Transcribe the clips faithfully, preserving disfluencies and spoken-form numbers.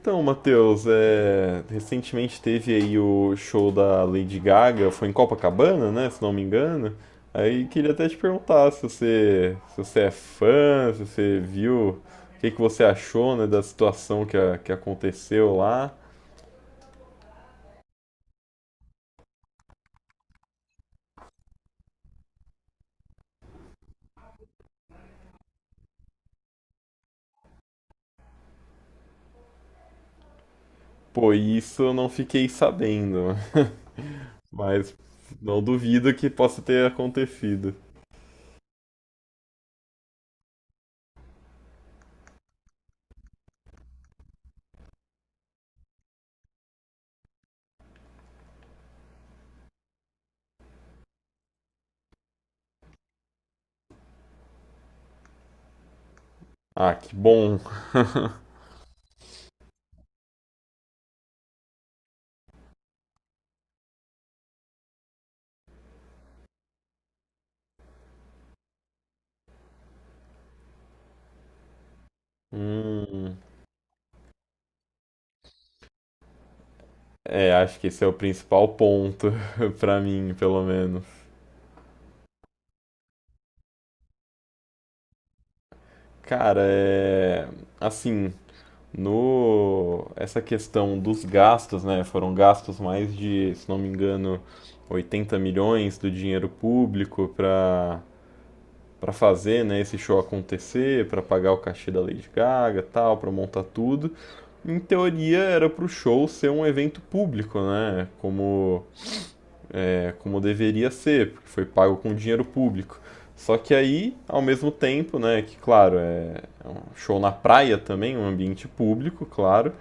Então, Matheus, é, recentemente teve aí o show da Lady Gaga, foi em Copacabana, né, se não me engano. Aí queria até te perguntar se você, se você é fã, se você viu, o que que você achou, né, da situação que, a- que aconteceu lá. Pô, isso eu não fiquei sabendo, mas não duvido que possa ter acontecido. Ah, que bom. Hum, é, acho que esse é o principal ponto pra mim, pelo menos. Cara, é assim, no essa questão dos gastos, né? Foram gastos mais de, se não me engano, oitenta milhões do dinheiro público para para fazer, né, esse show acontecer, para pagar o cachê da Lady Gaga, tal, para montar tudo. Em teoria era para o show ser um evento público, né? Como né, como deveria ser, porque foi pago com dinheiro público. Só que aí, ao mesmo tempo, né, que claro, é é um show na praia também, um ambiente público, claro,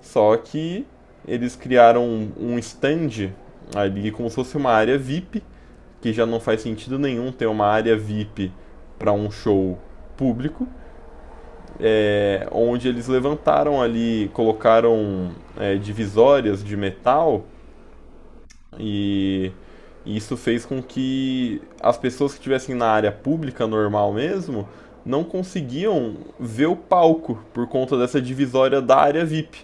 só que eles criaram um, um stand ali como se fosse uma área V I P, que já não faz sentido nenhum ter uma área V I P para um show público, é, onde eles levantaram ali, colocaram é, divisórias de metal. E isso fez com que as pessoas que estivessem na área pública normal mesmo não conseguiam ver o palco por conta dessa divisória da área V I P.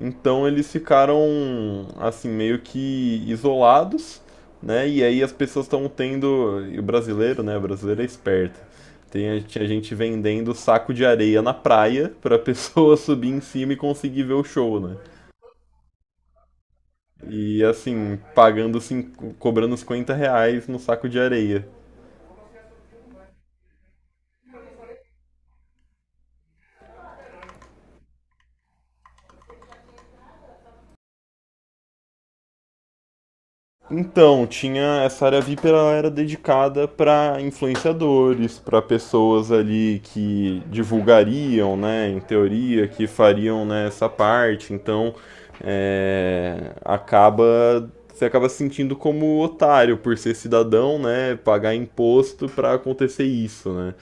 Então eles ficaram assim meio que isolados, né? E aí as pessoas estão tendo, e o brasileiro, né? O brasileiro é esperto. Tem Tinha gente vendendo saco de areia na praia para a pessoa subir em cima e conseguir ver o show, né? E assim, pagando, cinco, cobrando uns cinquenta reais no saco de areia. Então, tinha essa área V I P, ela era dedicada para influenciadores, para pessoas ali que divulgariam, né, em teoria, que fariam, né, essa parte. Então, é, acaba você acaba se sentindo como otário por ser cidadão, né, pagar imposto para acontecer isso, né?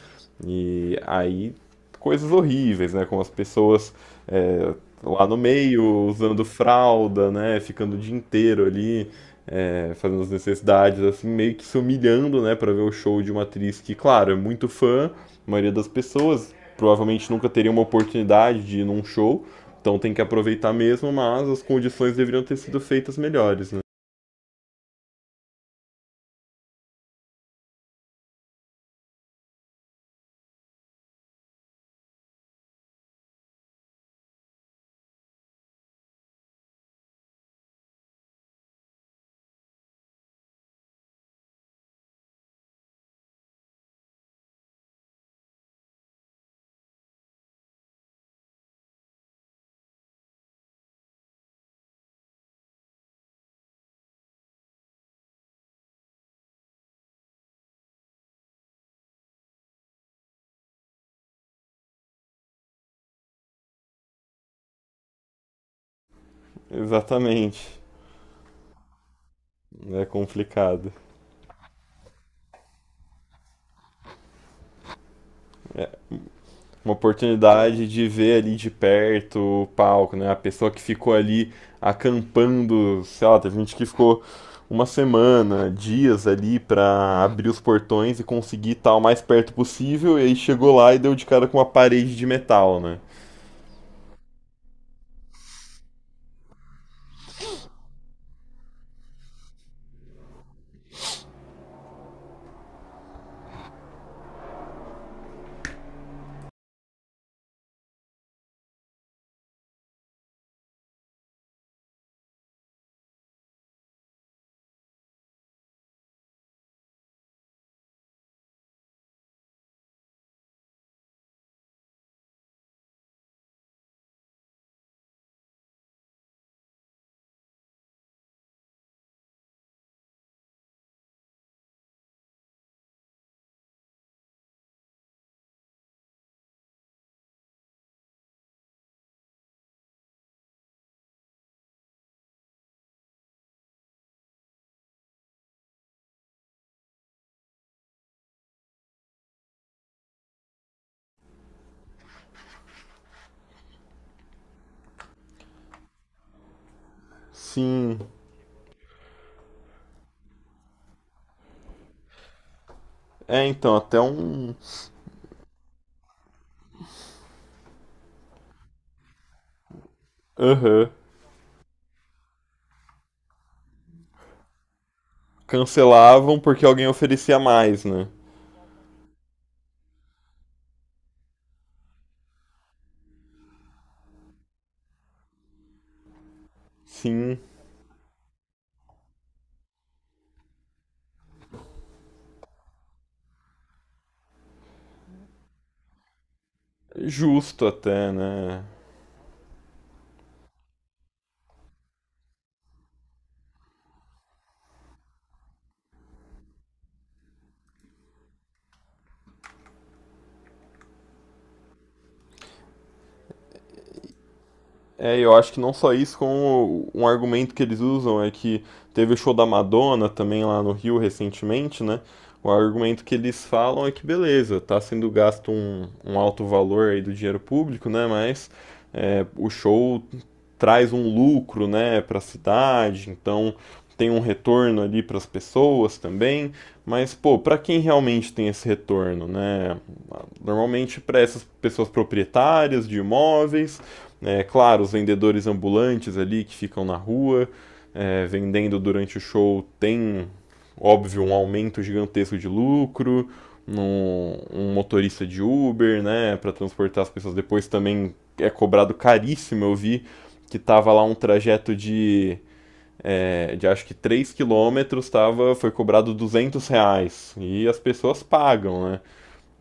E aí coisas horríveis, né, como as pessoas é, lá no meio usando fralda, né, ficando o dia inteiro ali é, fazendo as necessidades, assim, meio que se humilhando, né, para ver o show de uma atriz que, claro, é muito fã, a maioria das pessoas provavelmente nunca teria uma oportunidade de ir num show, então tem que aproveitar mesmo, mas as condições deveriam ter sido feitas melhores, né? Exatamente. É complicado. Uma oportunidade de ver ali de perto o palco, né? A pessoa que ficou ali acampando, sei lá, teve gente que ficou uma semana, dias ali pra abrir os portões e conseguir estar o mais perto possível, e aí chegou lá e deu de cara com uma parede de metal, né? Sim. É, então, até um. Aham. Cancelavam porque alguém oferecia mais, né? Sim. Justo até, né? É, eu acho que não só isso, como um argumento que eles usam é que teve o show da Madonna também lá no Rio recentemente, né? O argumento que eles falam é que beleza, tá sendo gasto um, um alto valor aí do dinheiro público, né? Mas é, o show traz um lucro, né, para a cidade, então tem um retorno ali para as pessoas também, mas pô, para quem realmente tem esse retorno, né? Normalmente para essas pessoas proprietárias de imóveis, é, claro, os vendedores ambulantes ali que ficam na rua, é, vendendo durante o show, tem, óbvio, um aumento gigantesco de lucro. Um, um motorista de Uber, né, para transportar as pessoas depois também é cobrado caríssimo. Eu vi que tava lá um trajeto de, é, de acho que três quilômetros, tava, foi cobrado duzentos reais. E as pessoas pagam, né?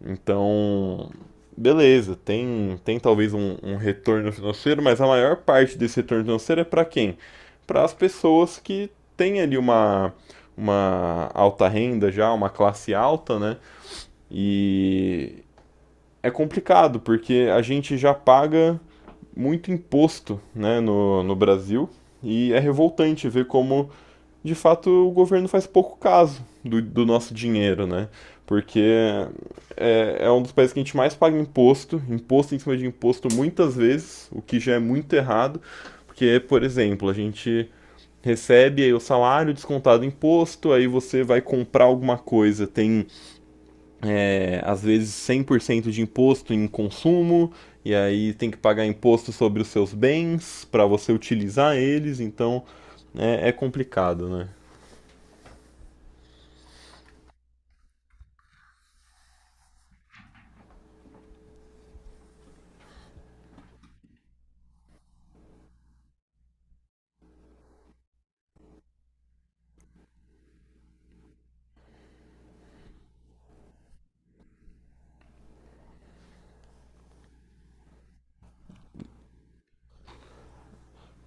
Então, beleza, tem, tem talvez um, um retorno financeiro, mas a maior parte desse retorno financeiro é para quem? Para as pessoas que têm ali uma, uma alta renda já, uma classe alta, né? E é complicado, porque a gente já paga muito imposto, né, no, no Brasil, e é revoltante ver como de fato o governo faz pouco caso do, do nosso dinheiro, né? Porque é, é um dos países que a gente mais paga imposto, imposto em cima de imposto muitas vezes, o que já é muito errado, porque, por exemplo, a gente recebe aí o salário descontado do imposto, aí você vai comprar alguma coisa, tem é, às vezes cem por cento de imposto em consumo, e aí tem que pagar imposto sobre os seus bens para você utilizar eles, então é, é complicado, né?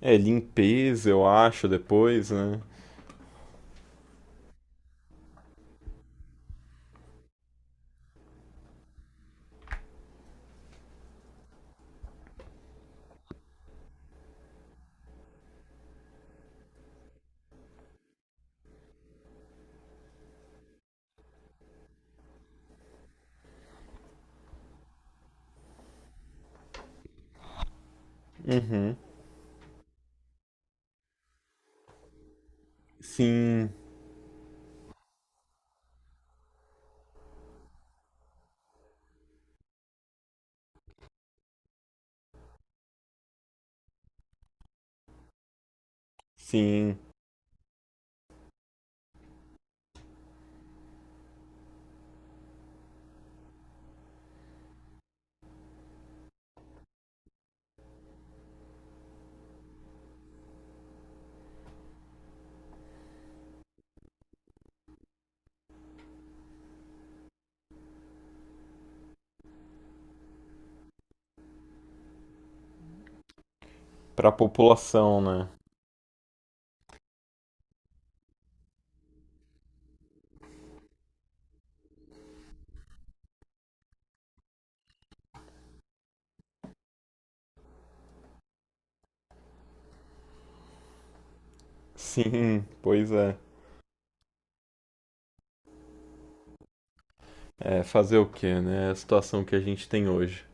É, limpeza, eu acho, depois, né? Sim, sim, pra população, né? Sim, pois é. É, fazer o quê, né? É a situação que a gente tem hoje.